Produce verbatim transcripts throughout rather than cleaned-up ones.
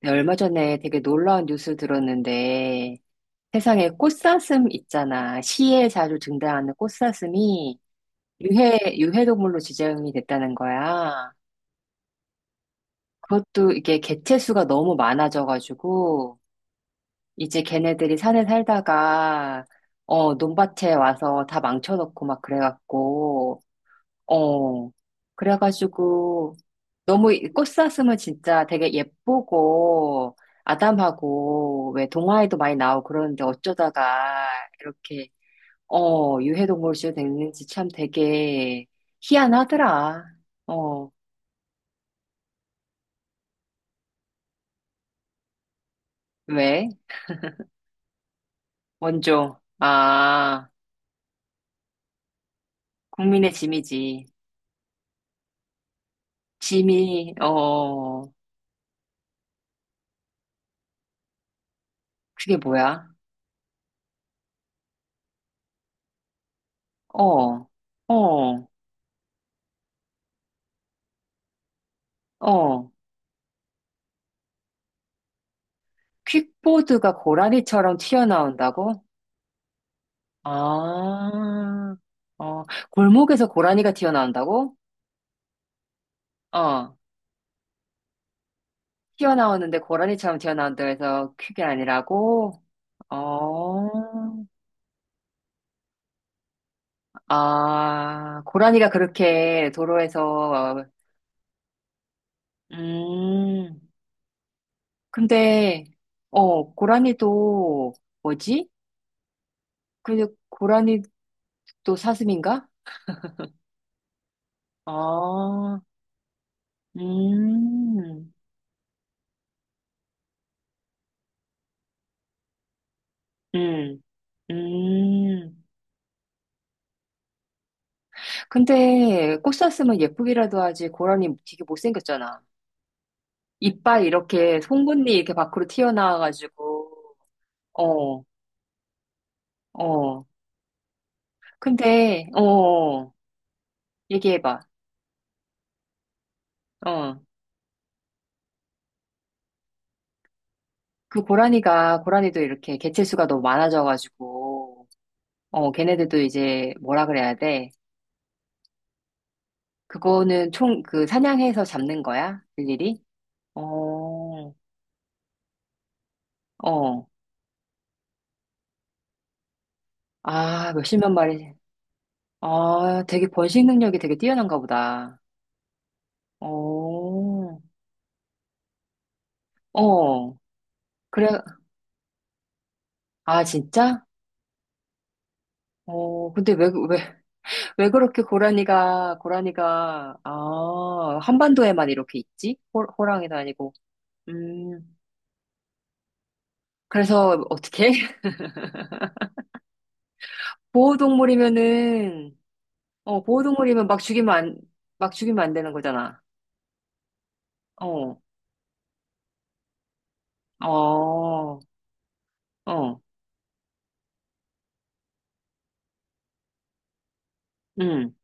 네, 얼마 전에 되게 놀라운 뉴스 들었는데 세상에 꽃사슴 있잖아. 시에 자주 등장하는 꽃사슴이 유해, 유해동물로 지정이 됐다는 거야. 그것도 이게 개체수가 너무 많아져가지고 이제 걔네들이 산에 살다가 어, 논밭에 와서 다 망쳐놓고 막 그래갖고 어, 그래가지고, 너무 이 꽃사슴은 진짜 되게 예쁘고, 아담하고, 왜 동화에도 많이 나오고 그러는데 어쩌다가 이렇게, 어, 유해동물로 됐는지 참 되게 희한하더라. 어, 왜? 원조. 아, 국민의 짐이지. 짐이, 어, 그게 뭐야? 어, 어, 어. 퀵보드가 고라니처럼 튀어나온다고? 아, 어, 골목에서 고라니가 튀어나온다고? 어, 튀어나오는데 고라니처럼 튀어나온다고 해서 그게 아니라고? 어, 아, 고라니가 그렇게 도로에서, 음, 근데, 어, 고라니도, 뭐지? 근데 고라니도 사슴인가? 아, 음, 음, 음. 근데 꽃 샀으면 예쁘기라도 하지 고라니 되게 못생겼잖아. 이빨 이렇게 송곳니 이렇게 밖으로 튀어나와가지고 어, 어. 근데 어, 얘기해봐. 어. 그 고라니가 고라니도 이렇게 개체수가 너무 많아져가지고 어, 걔네들도 이제 뭐라 그래야 돼? 그거는 총 그 사냥해서 잡는 거야? 일일이? 어, 어. 아, 몇십만 마리. 아, 되게 번식 능력이 되게 뛰어난가 보다. 어. 어, 그래, 아, 진짜? 어, 근데 왜, 왜, 왜 그렇게 고라니가, 고라니가, 아, 한반도에만 이렇게 있지? 호, 호랑이도 아니고. 음, 그래서 어떻게? 보호동물이면은, 어, 보호동물이면 막 죽이면 안, 막 죽이면 안 되는 거잖아. 어, 어, 어, 음,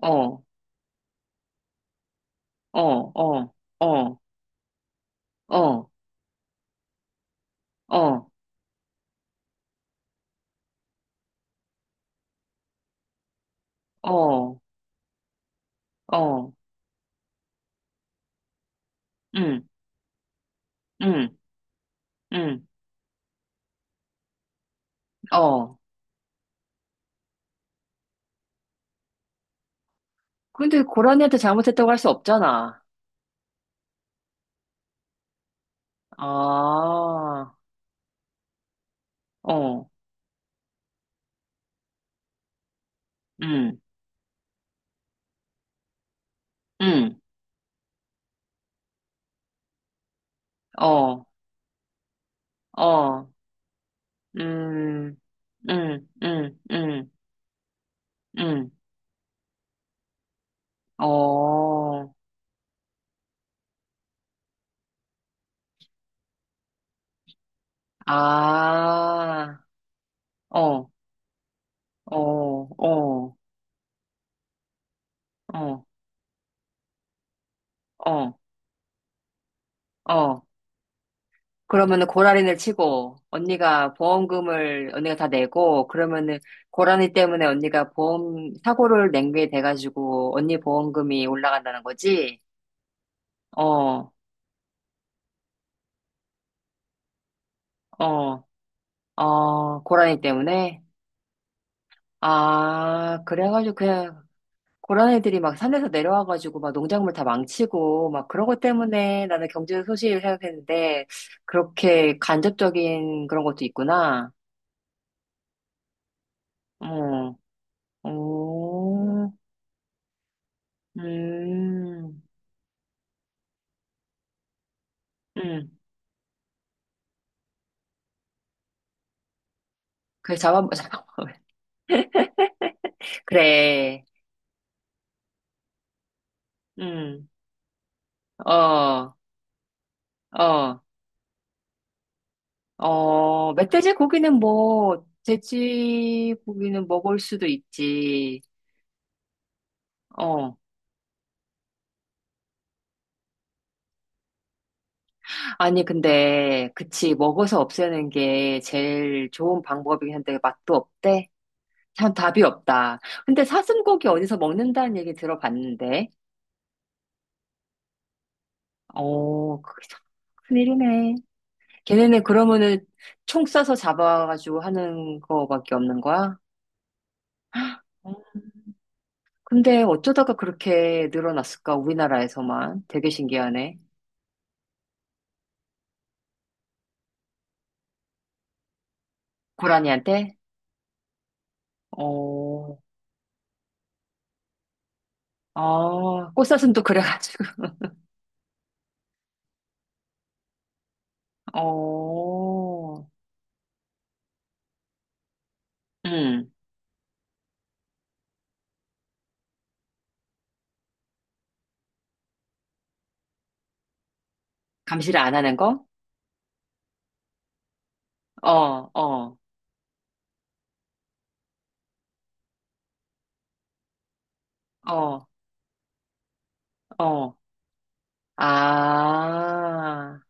어, 어, 어, 어, 어, 어, 어, 어, 음, 음, 음, 어. 근데 고라니한테 잘못했다고 할 수 없잖아. 아, 어, 음, 음, 어, 어, 음, 음, 음, 음, 음, 어, 아, 어, 어, 어, 어, 어, 어. 그러면은 고라니를 치고 언니가 보험금을 언니가 다 내고 그러면은 고라니 때문에 언니가 보험 사고를 낸게 돼가지고 언니 보험금이 올라간다는 거지? 어, 어, 어, 고라니 때문에? 아, 그래가지고 그냥 고라니들이 막 산에서 내려와가지고 막 농작물 다 망치고 막 그런 것 때문에 나는 경제 소식을 생각했는데 그렇게 간접적인 그런 것도 있구나. 어, 오, 음, 음. 그래, 잡아, 잡아. 그래, 음, 어, 어, 어, 멧돼지 고기는 뭐, 돼지 고기는 먹을 수도 있지. 어. 아니, 근데, 그치, 먹어서 없애는 게 제일 좋은 방법이긴 한데, 맛도 없대? 참 답이 없다. 근데 사슴고기 어디서 먹는다는 얘기 들어봤는데, 어, 그게 참 큰일이네. 걔네는 그러면은 총 쏴서 잡아가지고 하는 거밖에 없는 거야? 음. 근데 어쩌다가 그렇게 늘어났을까, 우리나라에서만. 되게 신기하네. 고라니한테? 어, 아, 꽃사슴도 그래가지고. 어. 음, 감시를 안 하는 거? 어, 어, 어, 어. 아,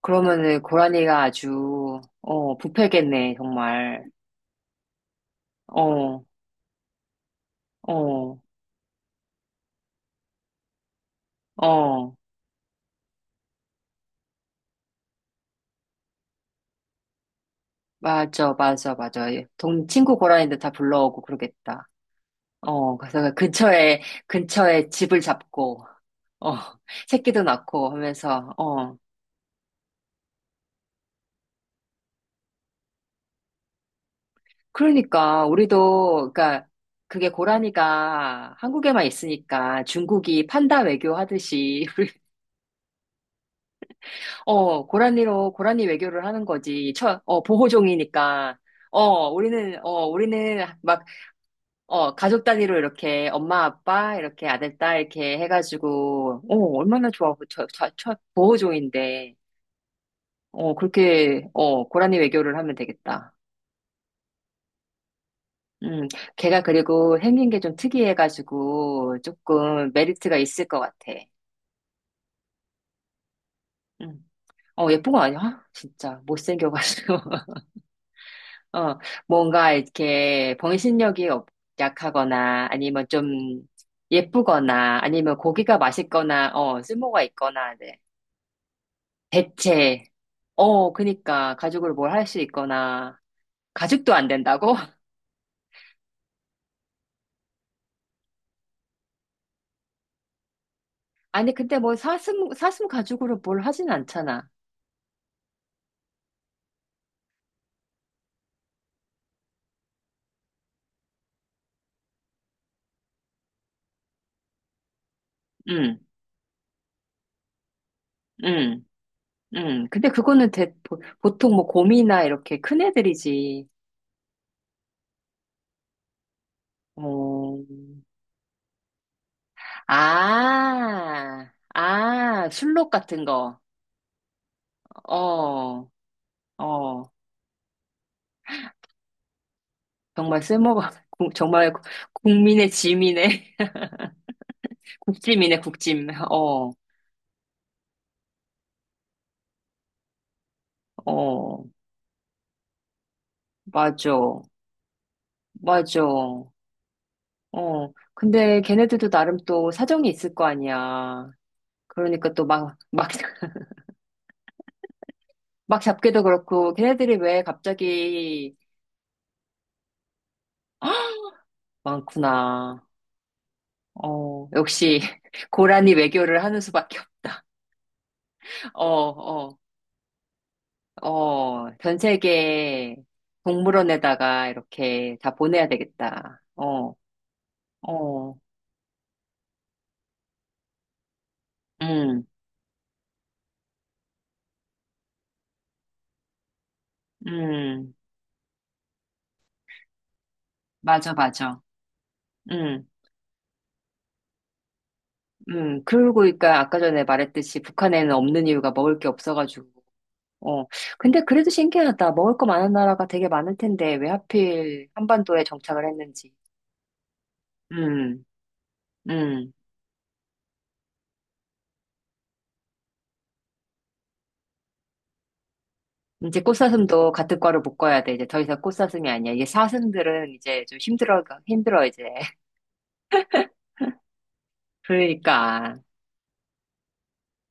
그러면은 고라니가 아주, 어, 부패겠네, 정말. 어, 어, 어. 맞아, 맞아, 맞아. 동, 친구 고라니들 다 불러오고 그러겠다. 어, 그래서 근처에, 근처에 집을 잡고, 어, 새끼도 낳고 하면서, 어 그러니까 우리도 그러니까 그게 고라니가 한국에만 있으니까 중국이 판다 외교 하듯이 어 고라니로 고라니 외교를 하는 거지 처, 어 보호종이니까 어 우리는 어 우리는 막 어 가족 단위로 이렇게 엄마 아빠 이렇게 아들 딸 이렇게 해가지고 어 얼마나 좋아 저, 저, 저 보호종인데 어 그렇게 어 고라니 외교를 하면 되겠다. 음, 걔가 그리고 생긴 게 좀 특이해가지고 조금 메리트가 있을 것 같아. 음. 어, 예쁜 거 아니야? 진짜 못생겨가지고. 어, 뭔가 이렇게 병신력이 없- 약하거나 아니면 좀 예쁘거나 아니면 고기가 맛있거나 어, 쓸모가 있거나 네. 대체. 어, 그니까 가죽으로 뭘 할 수 있거나 가죽도 안 된다고? 아니, 근데 뭐 사슴 사슴 가죽으로 뭘 하진 않잖아. 음. 음. 음, 근데 그거는 대, 보- 보통 뭐 곰이나 이렇게 큰 애들이지. 어, 아, 아, 술록 같은 거. 어, 어, 정말 쓸모가, 구- 정말 국민의 짐이네. 국짐이네, 국짐. 어, 어, 맞아, 맞아. 어, 근데 걔네들도 나름 또 사정이 있을 거 아니야. 그러니까 또 막, 막, 막 잡기도 그렇고, 걔네들이 왜 갑자기 많구나. 어, 역시 고라니 외교를 하는 수밖에 없. 어, 어, 어, 전 세계 동물원에다가 이렇게 다 보내야 되겠다. 어, 어, 음, 음, 맞아, 맞아. 음, 음. 그리고 그러니까 아까 전에 말했듯이 북한에는 없는 이유가 먹을 게 없어가지고. 어, 근데 그래도 신기하다. 먹을 거 많은 나라가 되게 많을 텐데 왜 하필 한반도에 정착을 했는지. 음, 음. 이제 꽃사슴도 같은 과로 묶어야 돼. 이제 더 이상 꽃사슴이 아니야. 이게 사슴들은 이제 좀 힘들어, 힘들어, 이제. 그러니까.